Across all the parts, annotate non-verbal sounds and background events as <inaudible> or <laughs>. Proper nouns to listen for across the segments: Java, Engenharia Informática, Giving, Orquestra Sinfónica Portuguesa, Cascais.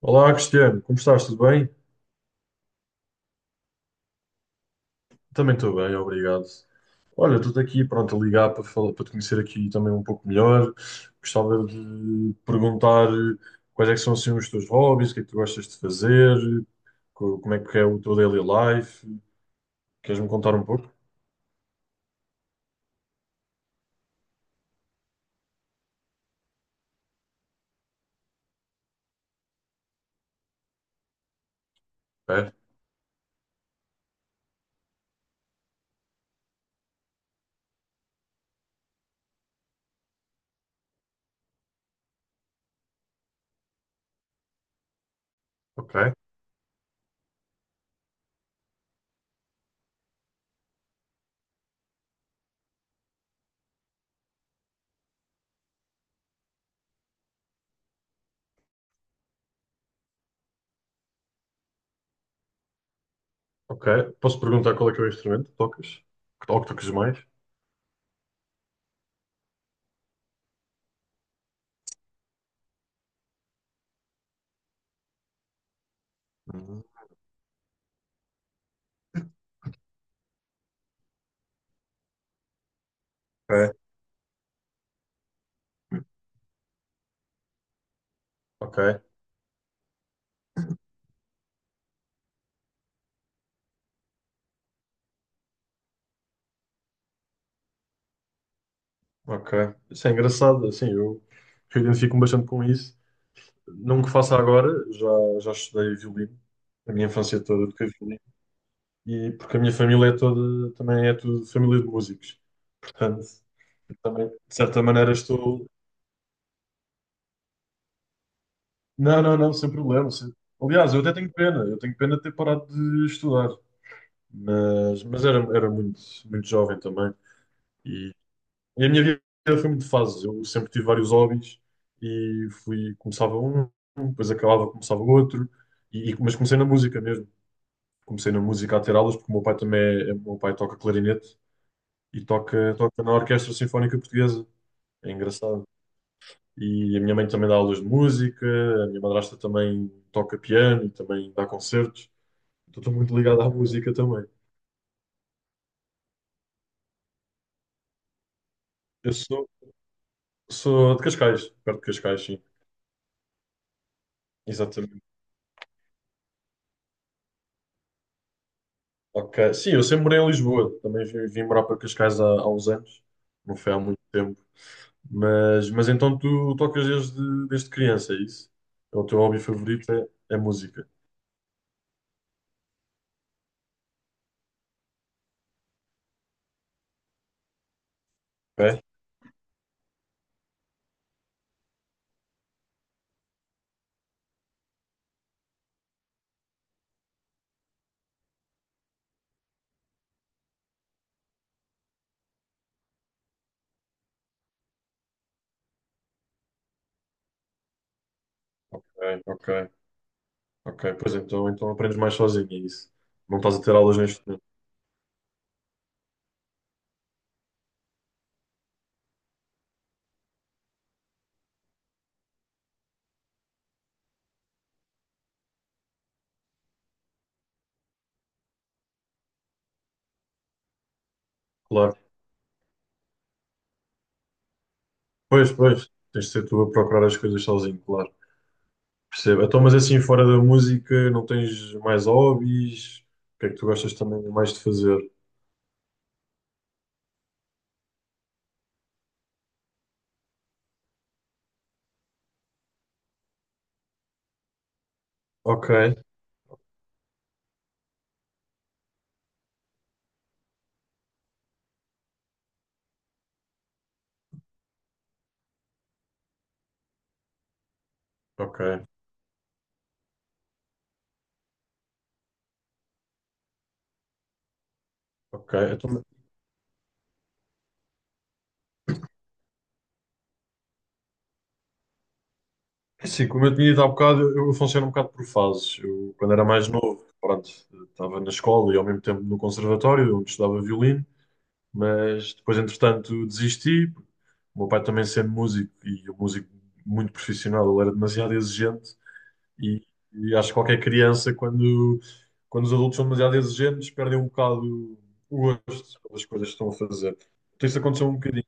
Olá, Cristiano, como estás? Tudo bem? Também estou bem, obrigado. Olha, estou aqui, pronto, a ligar para falar, para te conhecer aqui também um pouco melhor. Gostava de perguntar quais é que são assim, os teus hobbies, o que é que tu gostas de fazer, como é que é o teu daily life. Queres-me contar um pouco? É, ok, ok. Posso perguntar qual é que é o instrumento que tocas? Que tocas mais? Uhum. Ok, ok, ok. Isso é engraçado, assim, eu identifico-me bastante com isso. Não que faça agora, já estudei violino, a minha infância toda toquei violino, e porque a minha família é toda, também é tudo família de músicos, portanto, também, de certa maneira, estou. Não, não, não, sem problema. Aliás, eu até tenho pena, eu tenho pena de ter parado de estudar, mas era muito, muito jovem também, e, e a minha vida foi muito de fases, eu sempre tive vários hobbies, e fui, começava um, depois acabava, começava outro, mas comecei na música mesmo. Comecei na música a ter aulas, porque o meu pai também é, o meu pai toca clarinete e toca na Orquestra Sinfónica Portuguesa. É engraçado. E a minha mãe também dá aulas de música, a minha madrasta também toca piano e também dá concertos. Então estou muito ligado à música também. Eu sou de Cascais, perto de Cascais, sim. Exatamente. Ok. Sim, eu sempre morei em Lisboa. Também vim morar para Cascais há uns anos. Não foi há muito tempo. Mas então tu tocas desde criança, é isso? É o teu hobby favorito é música. É? É, ok, ok. Pois então aprendes mais sozinho, é isso. Não estás a ter aulas neste momento. Claro. Pois, pois, tens de ser tu a procurar as coisas sozinho, claro. Percebo. Então, mas assim, fora da música, não tens mais hobbies? O que é que tu gostas também mais de fazer? Ok, ok, ok. Então, é assim, como eu tinha dito há bocado, eu funciono um bocado por fases. Eu, quando era mais novo, pronto, estava na escola e ao mesmo tempo no conservatório, onde estudava violino. Mas depois, entretanto, desisti. O meu pai também sendo músico e um músico muito profissional, ele era demasiado exigente e, e acho que qualquer criança, quando os adultos são demasiado exigentes, perdem um bocado o gosto pelas coisas que estão a fazer. Então, isso aconteceu um bocadinho.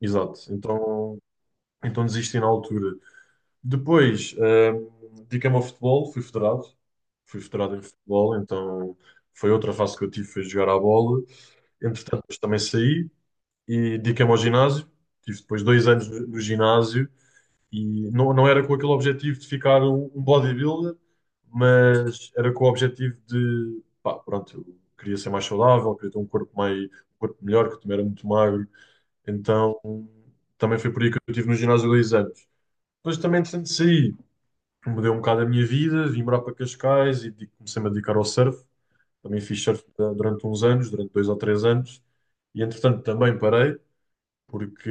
Exato. Então desisti na altura. Depois, dediquei-me ao futebol, fui federado. Fui federado em futebol, então foi outra fase que eu tive, foi jogar à bola. Entretanto, depois também saí e dediquei-me ao ginásio. Tive depois 2 anos no ginásio e não era com aquele objetivo de ficar um bodybuilder, mas era com o objetivo de, pá, pronto, eu queria ser mais saudável, queria ter um corpo mais, um corpo melhor, que eu também era muito magro. Então também foi por aí que eu tive no ginásio 2 anos. Depois também, entretanto, saí, mudei um bocado a minha vida, vim morar para Cascais e comecei-me a dedicar ao surf. Também fiz surf durante uns anos, durante 2 ou 3 anos, e entretanto também parei porque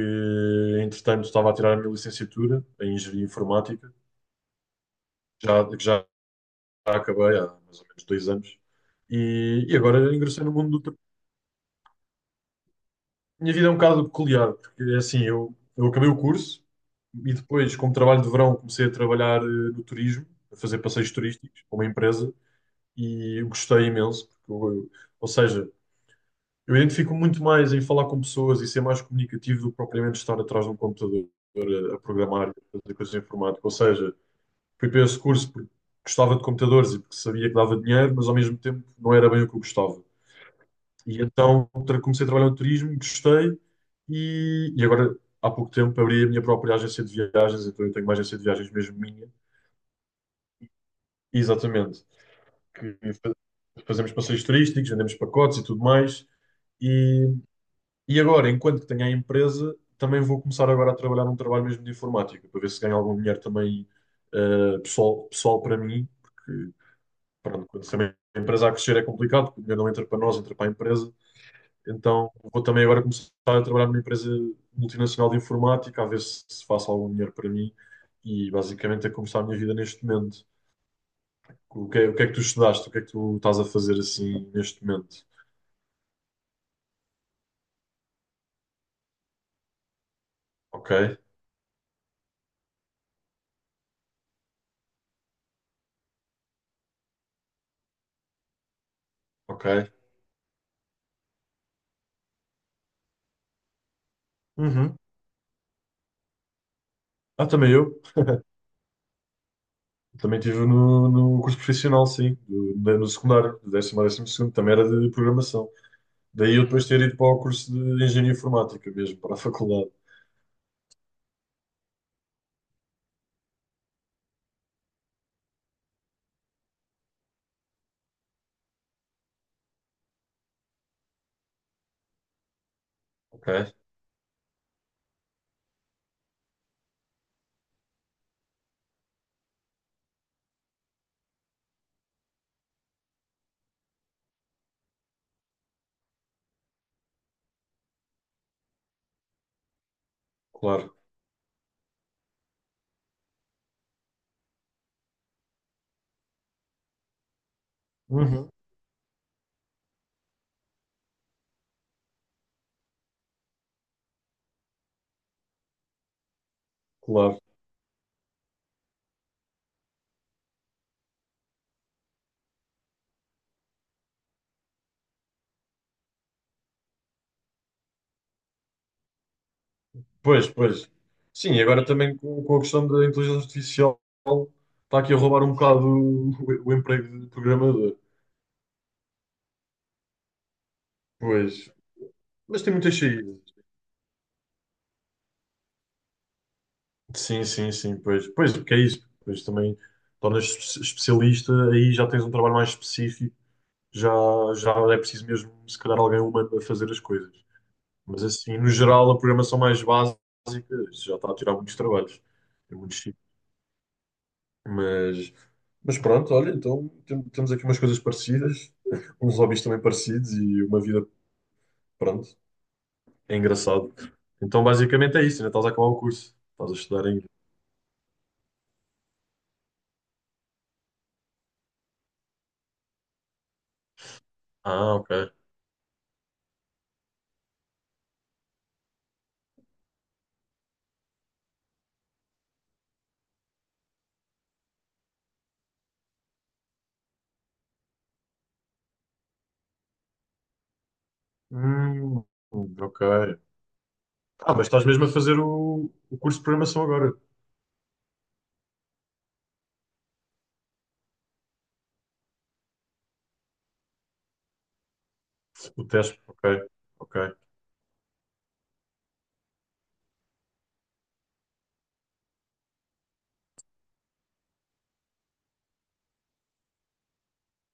entretanto estava a tirar a minha licenciatura em Engenharia Informática, já, que já acabei há mais ou menos 2 anos, e agora ingressei no mundo do trabalho. Minha vida é um bocado peculiar, porque é assim, eu acabei o curso e depois, como trabalho de verão, comecei a trabalhar no turismo, a fazer passeios turísticos para uma empresa, e eu gostei imenso, porque ou seja, eu identifico muito mais em falar com pessoas e ser mais comunicativo do que propriamente estar atrás de um computador a programar, a fazer coisas informáticas. Ou seja, fui para esse curso porque gostava de computadores e porque sabia que dava dinheiro, mas ao mesmo tempo não era bem o que eu gostava. E então comecei a trabalhar no turismo, gostei e agora há pouco tempo abri a minha própria agência de viagens, então eu tenho uma agência de viagens mesmo minha, exatamente, que fa- fazemos passeios turísticos, vendemos pacotes e tudo mais. E, e agora, enquanto que tenho a empresa, também vou começar agora a trabalhar num trabalho mesmo de informática, para ver se ganho algum dinheiro também pessoal, pessoal para mim, porque pronto, quando também a empresa a crescer é complicado, porque o dinheiro não entra para nós, entra para a empresa. Então vou também agora começar a trabalhar numa empresa multinacional de informática, a ver se faço algum dinheiro para mim e basicamente é como está a minha vida neste momento. O que é que tu estudaste? O que é que tu estás a fazer assim neste momento? Ok, ok. Uhum. Ah, também eu. Também estive no curso profissional, sim, no secundário, do 10.º a 12.º, também era de programação. Daí eu depois ter ido para o curso de engenharia informática mesmo, para a <laughs> faculdade. Ok? Claro, uhum. Claro. Pois, pois. Sim, e agora também com a questão da inteligência artificial está aqui a roubar um bocado o emprego de programador. Pois. Mas tem muitas saídas. Sim, sim, sim, pois. Pois, porque é isso. Pois também tornas especialista, aí já tens um trabalho mais específico, já, já é preciso mesmo, se calhar, alguém humano a fazer as coisas. Mas assim, no geral, a programação mais básica, isso já está a tirar muitos trabalhos. Tem muitos. Mas, mas pronto, olha, então temos aqui umas coisas parecidas, uns hobbies também parecidos e uma vida, pronto, é engraçado. Então basicamente é isso, ainda estás a acabar o curso, estás a estudar ainda. Ah, ok. Hum, ok. Ah, mas estás mesmo a fazer o curso de programação agora, o teste, ok, ok,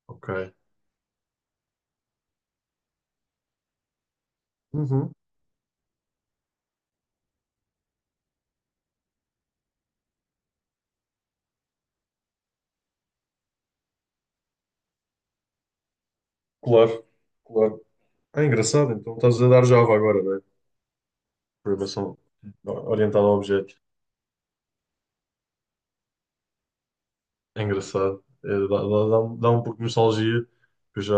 ok. Uhum. Claro, claro. É engraçado, então estás a dar Java agora, não é? Programação orientada a objetos. É engraçado. É, dá um pouco de nostalgia, que eu já,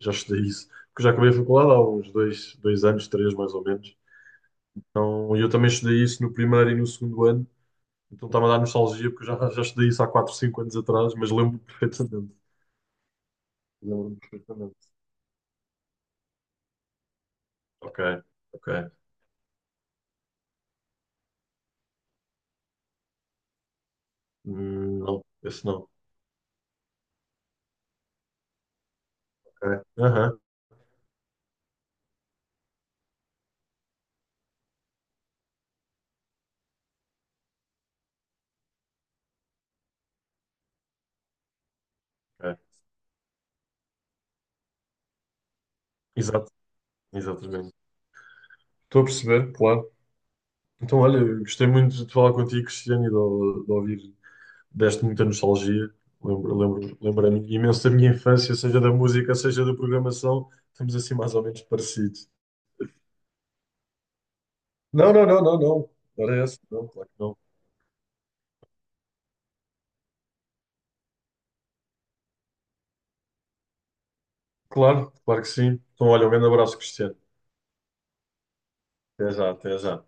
já estudei isso. Porque eu já acabei a faculdade há uns 2, 2 anos, três mais ou menos. Então, eu também estudei isso no primeiro e no segundo ano. Então está-me a dar nostalgia, porque eu já estudei isso há 4, 5 anos atrás, mas lembro-me perfeitamente. Lembro-me perfeitamente. Ok, ok. Não, esse não. Ok. Aham, ok. Exato, exatamente. Estou a perceber, claro. Então, olha, eu gostei muito de falar contigo, Cristiano, e de ouvir deste muita nostalgia. Lembrei-me imenso da minha infância, seja da música, seja da programação. Estamos assim mais ou menos parecidos. Não, não, não, não, não. Não era essa. Não, claro que não. Claro, claro que sim. Então, olha, um grande abraço, Cristiano. Até já, até já.